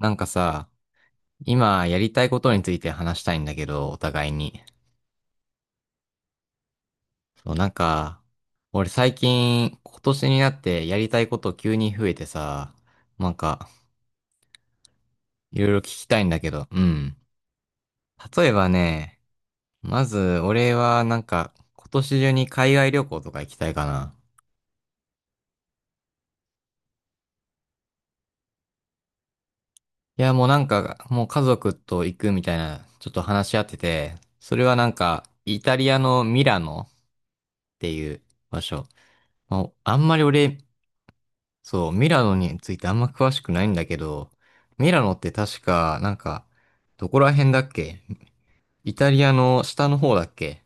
なんかさ、今やりたいことについて話したいんだけど、お互いに。そう、なんか、俺最近、今年になってやりたいこと急に増えてさ、なんか、いろいろ聞きたいんだけど、うん。例えばね、まず、俺はなんか、今年中に海外旅行とか行きたいかな。いや、もうなんか、もう家族と行くみたいな、ちょっと話し合ってて、それはなんか、イタリアのミラノっていう場所。もう、あんまり俺、そう、ミラノについてあんま詳しくないんだけど、ミラノって確か、なんか、どこら辺だっけ？イタリアの下の方だっけ？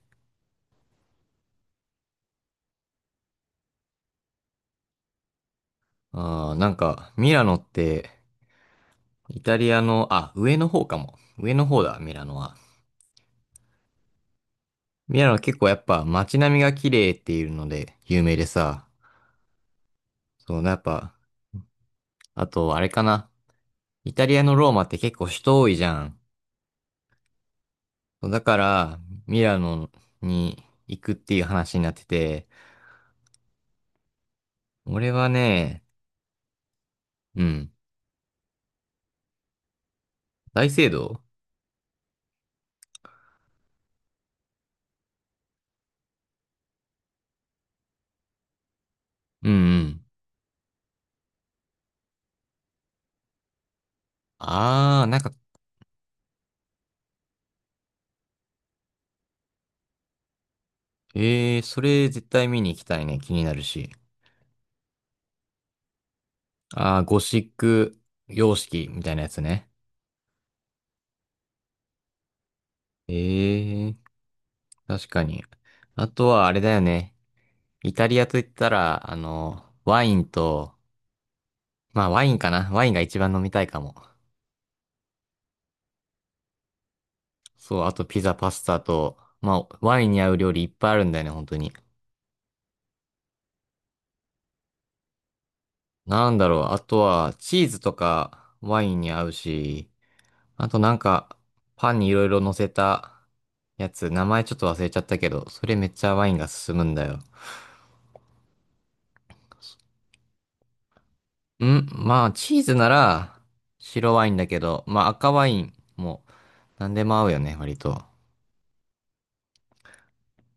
ああー、なんか、ミラノって、イタリアの、あ、上の方かも。上の方だ、ミラノは。ミラノは結構やっぱ街並みが綺麗っていうので有名でさ、そう、やっぱ、あと、あれかな。イタリアのローマって結構人多いじゃん。そうだから、ミラノに行くっていう話になってて、俺はね。うん。大聖堂。うんうん。あー、なんか、それ絶対見に行きたいね。気になるし。あー、ゴシック様式みたいなやつね。えー、確かに。あとはあれだよね。イタリアと言ったら、ワインと、まあワインかな。ワインが一番飲みたいかも。そう、あとピザ、パスタと、まあワインに合う料理いっぱいあるんだよね、本当に。なんだろう。あとは、チーズとかワインに合うし、あとなんか、パンにいろいろ乗せたやつ、名前ちょっと忘れちゃったけど、それめっちゃワインが進むんだよ。んまあ、チーズなら白ワインだけど、まあ赤ワインも何でも合うよね、割と。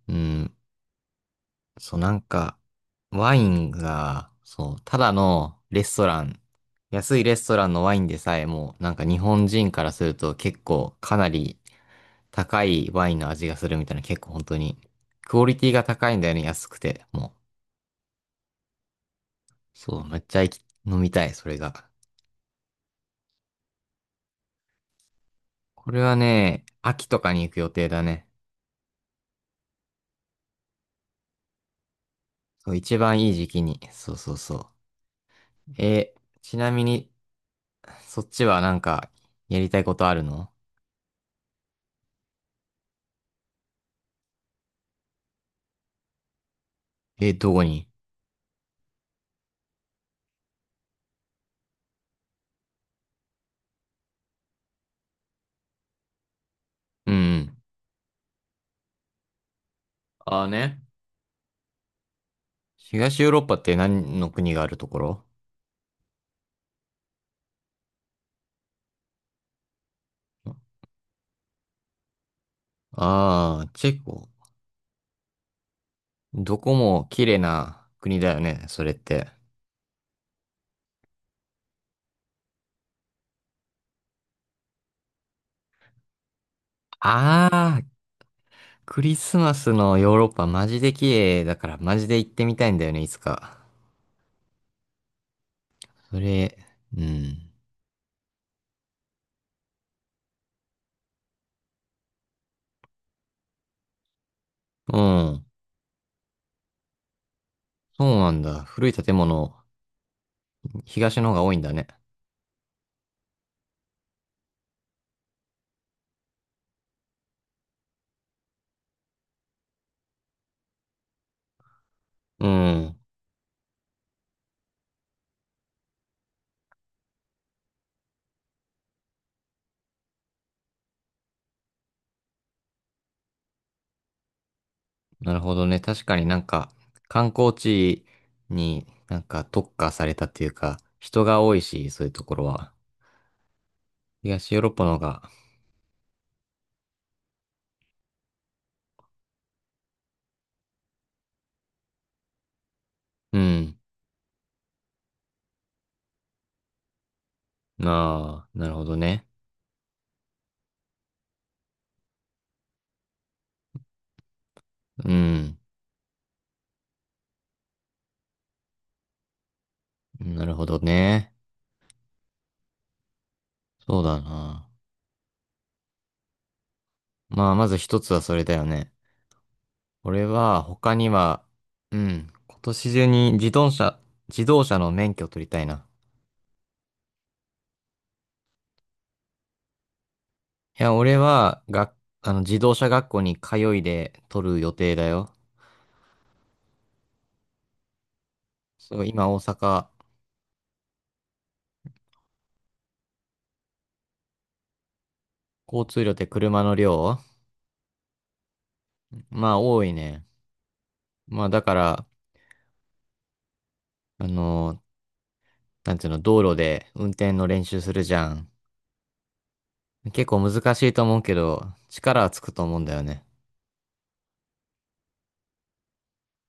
うん。そう、なんか、ワインが、そう、ただのレストラン、安いレストランのワインでさえも、なんか日本人からすると結構かなり高いワインの味がするみたいな、結構本当に、クオリティが高いんだよね、安くて、もう。そう、めっちゃ行き飲みたい、それが。これはね、秋とかに行く予定だね。そう、一番いい時期に。そうそうそう。え、ちなみに、そっちはなんか、やりたいことあるの？え、どこに？うんうん。ああね。東ヨーロッパって何の国があるところ？ああー、チェコ。どこも綺麗な国だよね、それって。ああ、クリスマスのヨーロッパマジで綺麗だからマジで行ってみたいんだよね、いつか。それ、うん。うん。そうなんだ。古い建物、東の方が多いんだね。うん。なるほどね。確かになんか、観光地になんか特化されたっていうか、人が多いし、そういうところは。東ヨーロッパの方が、うん。ああ、なるほどね。うん。なるほどね。そうだな。まあ、まず一つはそれだよね。俺は他には、うん。今年中に自動車の免許を取りたいな。いや、俺は、が、あの、自動車学校に通いで取る予定だよ。そう、今大阪、交通量って車の量？まあ、多いね。まあ、だから、あの、なんていうの、道路で運転の練習するじゃん。結構難しいと思うけど、力はつくと思うんだよね。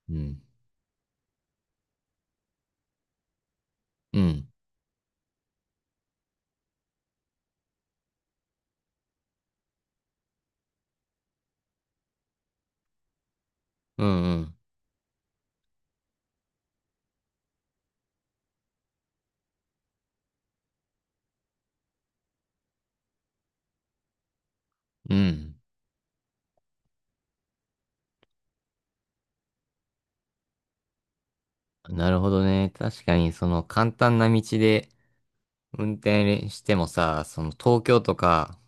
うん。うん。うんうん。うん。なるほどね。確かに、その、簡単な道で運転してもさ、その、東京とか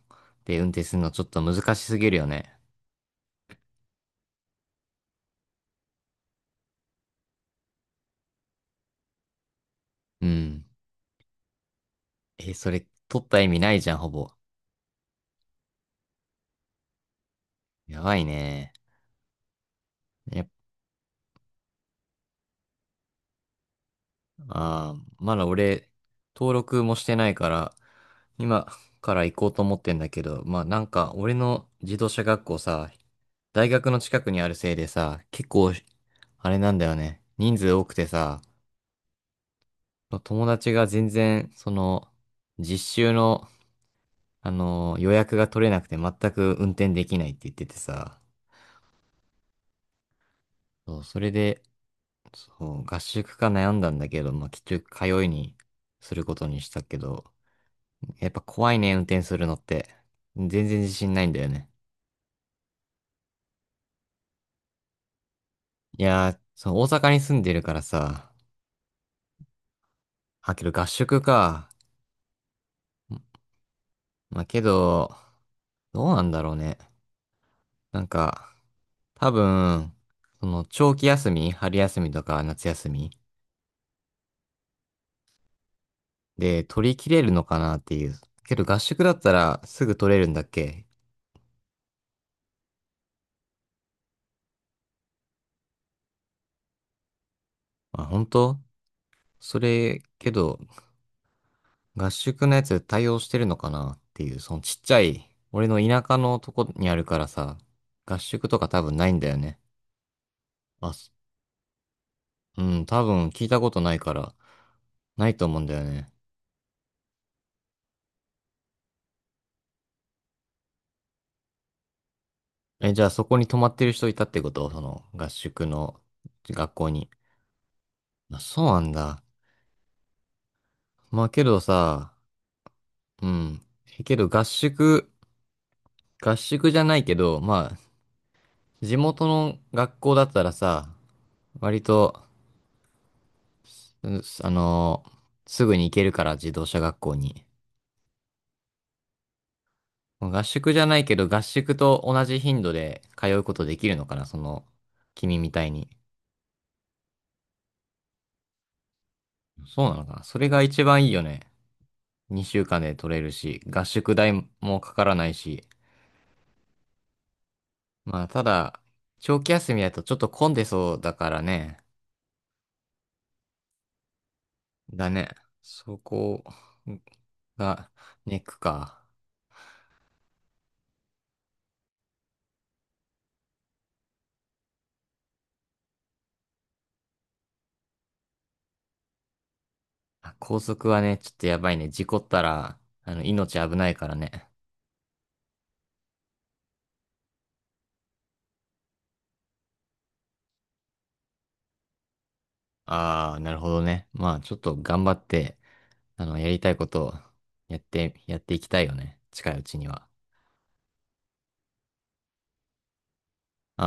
で運転するのちょっと難しすぎるよね。うん。え、それ、取った意味ないじゃん、ほぼ。やばいね。やっぱ、あーまだ俺、登録もしてないから、今から行こうと思ってんだけど、まあなんか、俺の自動車学校さ、大学の近くにあるせいでさ、結構、あれなんだよね。人数多くてさ、友達が全然、その、実習の、予約が取れなくて全く運転できないって言っててさ、そう、それで、そう、合宿か悩んだんだけど、まあ、結局通いにすることにしたけど、やっぱ怖いね、運転するのって。全然自信ないんだよね。いやー、そう、大阪に住んでるからさ、あ、けど合宿か。まあ、けど、どうなんだろうね。なんか、多分、その、長期休み、春休みとか夏休みで取り切れるのかなっていう。けど合宿だったらすぐ取れるんだっけ？まあ、本当それ、けど、合宿のやつ対応してるのかなっていう、そのちっちゃい、俺の田舎のとこにあるからさ、合宿とか多分ないんだよね。あ、すうん、多分聞いたことないから、ないと思うんだよね。え、じゃあそこに泊まってる人いたってことその合宿の学校に？まあ、そうなんだ。まあけどさ、うん。けど合宿じゃないけど、まあ、地元の学校だったらさ、割と、うあのすぐに行けるから自動車学校に。合宿じゃないけど、合宿と同じ頻度で通うことできるのかな、その、君みたいに。そうなのかな。それが一番いいよね。2週間で取れるし、合宿代もかからないし。まあ、ただ、長期休みだとちょっと混んでそうだからね。だね。そこが、ネックか。あ高速はね、ちょっとやばいね。事故ったら、命危ないからね。ああ、なるほどね。まあ、ちょっと頑張って、やりたいことをやっていきたいよね。近いうちには。あ